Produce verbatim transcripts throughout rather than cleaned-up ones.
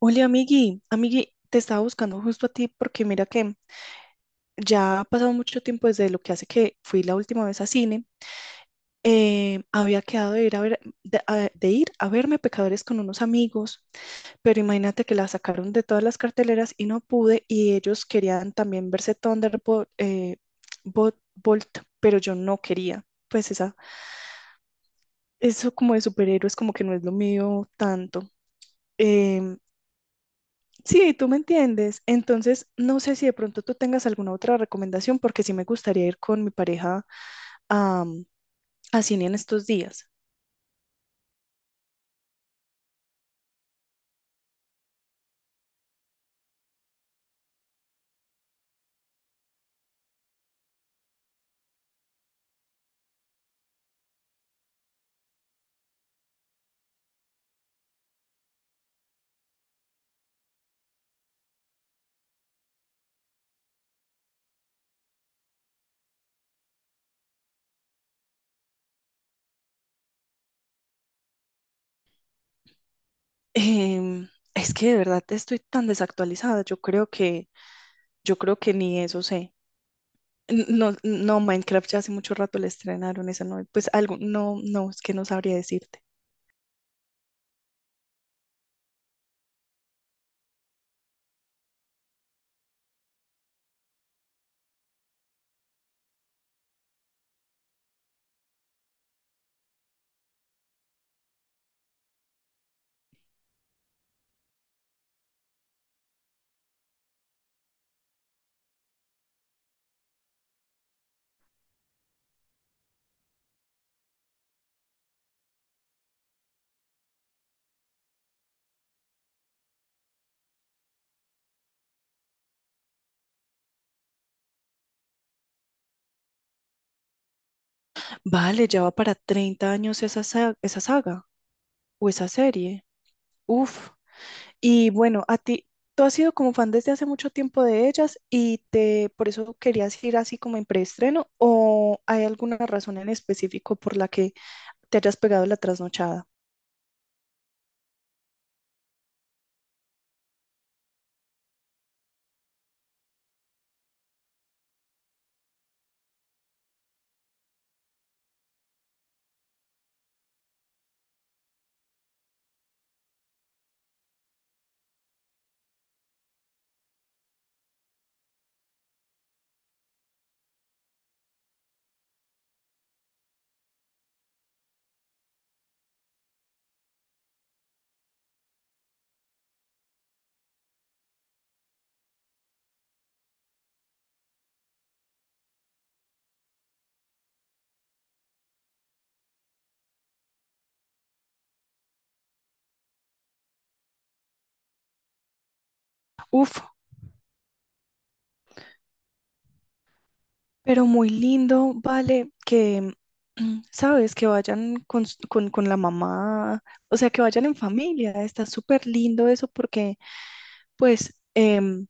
Hola, amigui. Amigui, te estaba buscando justo a ti porque mira que ya ha pasado mucho tiempo desde lo que hace que fui la última vez a cine. Eh, había quedado de ir a ver, de, a- de ir a verme Pecadores con unos amigos, pero imagínate que la sacaron de todas las carteleras y no pude y ellos querían también verse Thunderbolt, eh, Bot- Bolt, pero yo no quería. Pues esa, eso como de superhéroes como que no es lo mío tanto. em, Sí, tú me entiendes. Entonces, no sé si de pronto tú tengas alguna otra recomendación, porque sí me gustaría ir con mi pareja a, a cine en estos días. Em, es que de verdad estoy tan desactualizada. Yo creo que, yo creo que ni eso sé. N- No, no, Minecraft ya hace mucho rato le estrenaron esa no, pues algo, no, no, es que no sabría decirte. Vale, ya va para treinta años esa, sa- esa saga o esa serie. Uf. Y bueno, a ti, tú has sido como fan desde hace mucho tiempo de ellas y te, por eso querías ir así como en preestreno, ¿o hay alguna razón en específico por la que te hayas pegado la trasnochada? Uf, pero muy lindo, vale, que, mm, sabes, que vayan con, s- con, con la mamá, o sea, que vayan en familia, está súper lindo eso porque, pues, em,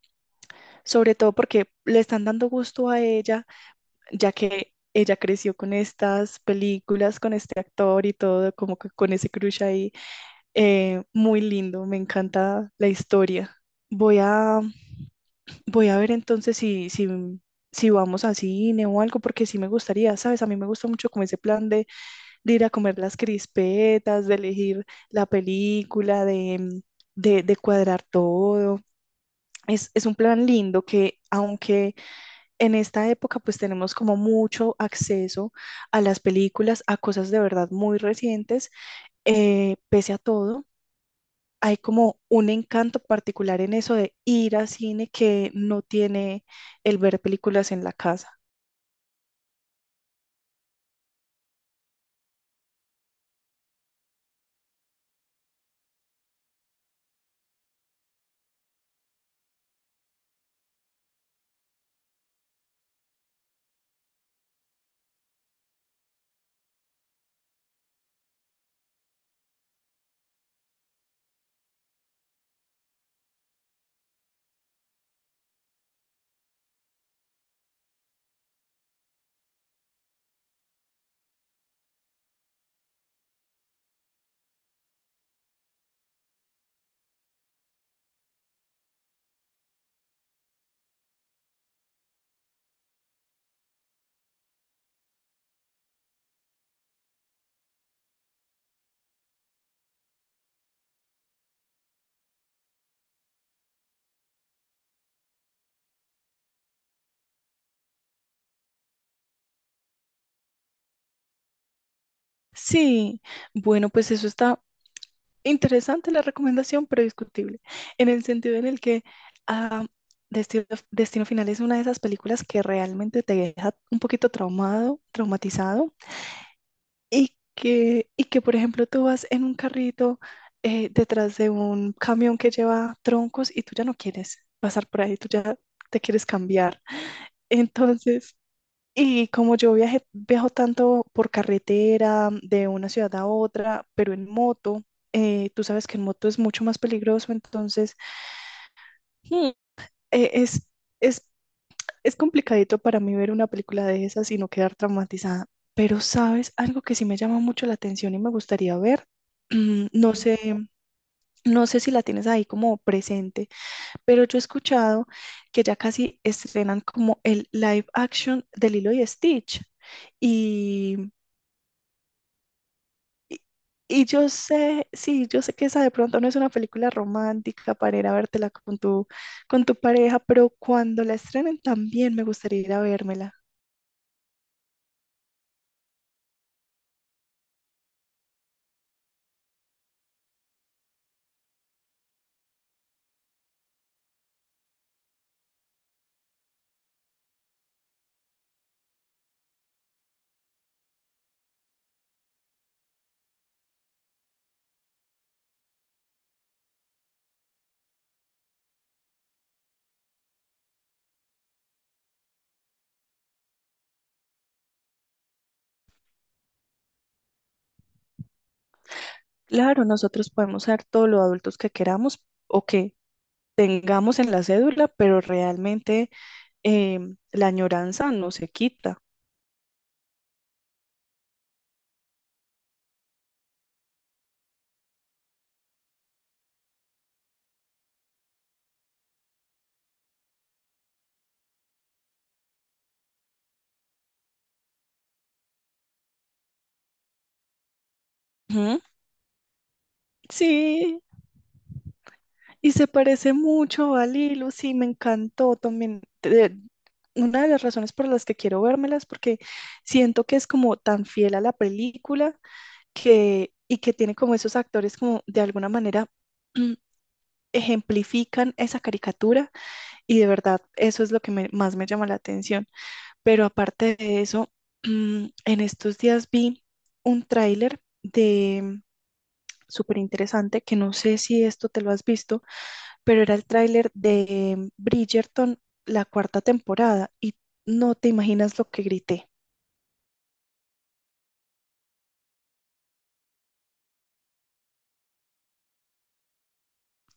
sobre todo porque le están dando gusto a ella ya que ella creció con estas películas, con este actor y todo, como que con ese crush ahí. Eh, muy lindo, me encanta la historia. Voy a, voy a ver entonces si, si, si vamos a cine o algo, porque sí me gustaría, ¿sabes? A mí me gusta mucho como ese plan de, de ir a comer las crispetas, de elegir la película, de, de, de cuadrar todo. Es, es un plan lindo que aunque en esta época pues tenemos como mucho acceso a las películas, a cosas de verdad muy recientes, eh, pese a todo. Hay como un encanto particular en eso de ir al cine que no tiene el ver películas en la casa. Sí, bueno, pues eso está interesante la recomendación, pero discutible, en el sentido en el que ah, Destino, Destino Final es una de esas películas que realmente te deja un poquito traumado, traumatizado. Y que, y que, por ejemplo, tú vas en un carrito eh, detrás de un camión que lleva troncos y tú ya no quieres pasar por ahí, tú ya te quieres cambiar. Entonces, y como yo viaje, viajo tanto por carretera de una ciudad a otra, pero en moto, eh, tú sabes que en moto es mucho más peligroso, entonces mm, eh, es, es es complicadito para mí ver una película de esas y no quedar traumatizada, pero sabes, algo que sí me llama mucho la atención y me gustaría ver, no sé, no sé si la tienes ahí como presente, pero yo he escuchado que ya casi estrenan como el live action de Lilo y Stitch y y, y yo sé, sí, yo sé que esa de pronto no es una película romántica para ir a vértela con tu, con tu pareja, pero cuando la estrenen también me gustaría ir a vérmela. Claro, nosotros podemos ser todos los adultos que queramos o que tengamos en la cédula, pero realmente em, la añoranza no se quita. Ujú. Sí, y se parece mucho a Lilo, sí, me encantó también. De- una de las razones por las que quiero vérmelas, porque siento que es como tan fiel a la película que, y que tiene como esos actores como de alguna manera mm, ejemplifican esa caricatura y de verdad eso es lo que me- más me llama la atención. Pero aparte de eso, mm, en estos días vi un tráiler de súper interesante que no sé si esto te lo has visto, pero era el tráiler de Bridgerton, la cuarta temporada, y no te imaginas lo que grité.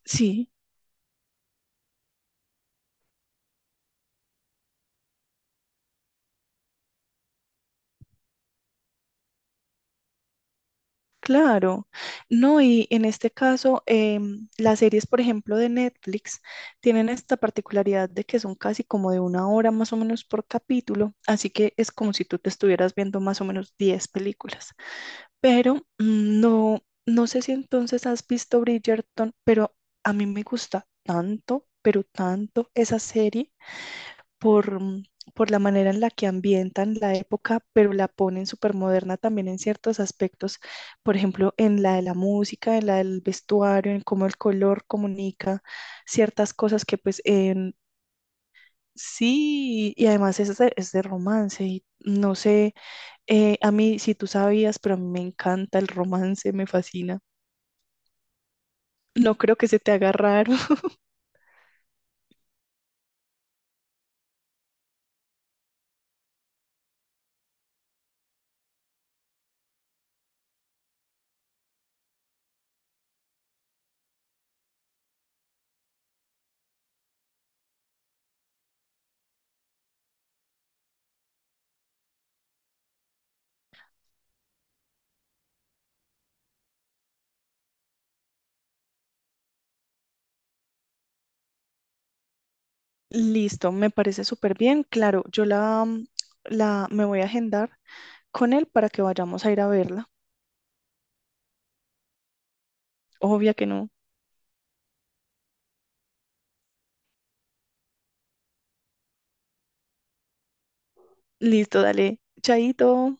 Sí, claro. No, y en este caso, em, las series, por ejemplo, de Netflix, tienen esta particularidad de que son casi como de una hora más o menos por capítulo, así que es como si tú te estuvieras viendo más o menos diez películas. Pero mm, no, no sé si entonces has visto Bridgerton, pero a mí me gusta tanto, pero tanto esa serie por, mm, por la manera en la que ambientan la época, pero la ponen súper moderna también en ciertos aspectos, por ejemplo, en la de la música, en la del vestuario, en cómo el color comunica ciertas cosas que pues en... Sí, y además es de, es de romance y no sé, eh, a mí si tú sabías, pero a mí me encanta el romance, me fascina. No creo que se te haga raro. Listo, me parece súper bien. Claro, yo la, mm, la Me voy a agendar con él para que vayamos a ir a verla. Obvia que no. Listo, dale. Chaito.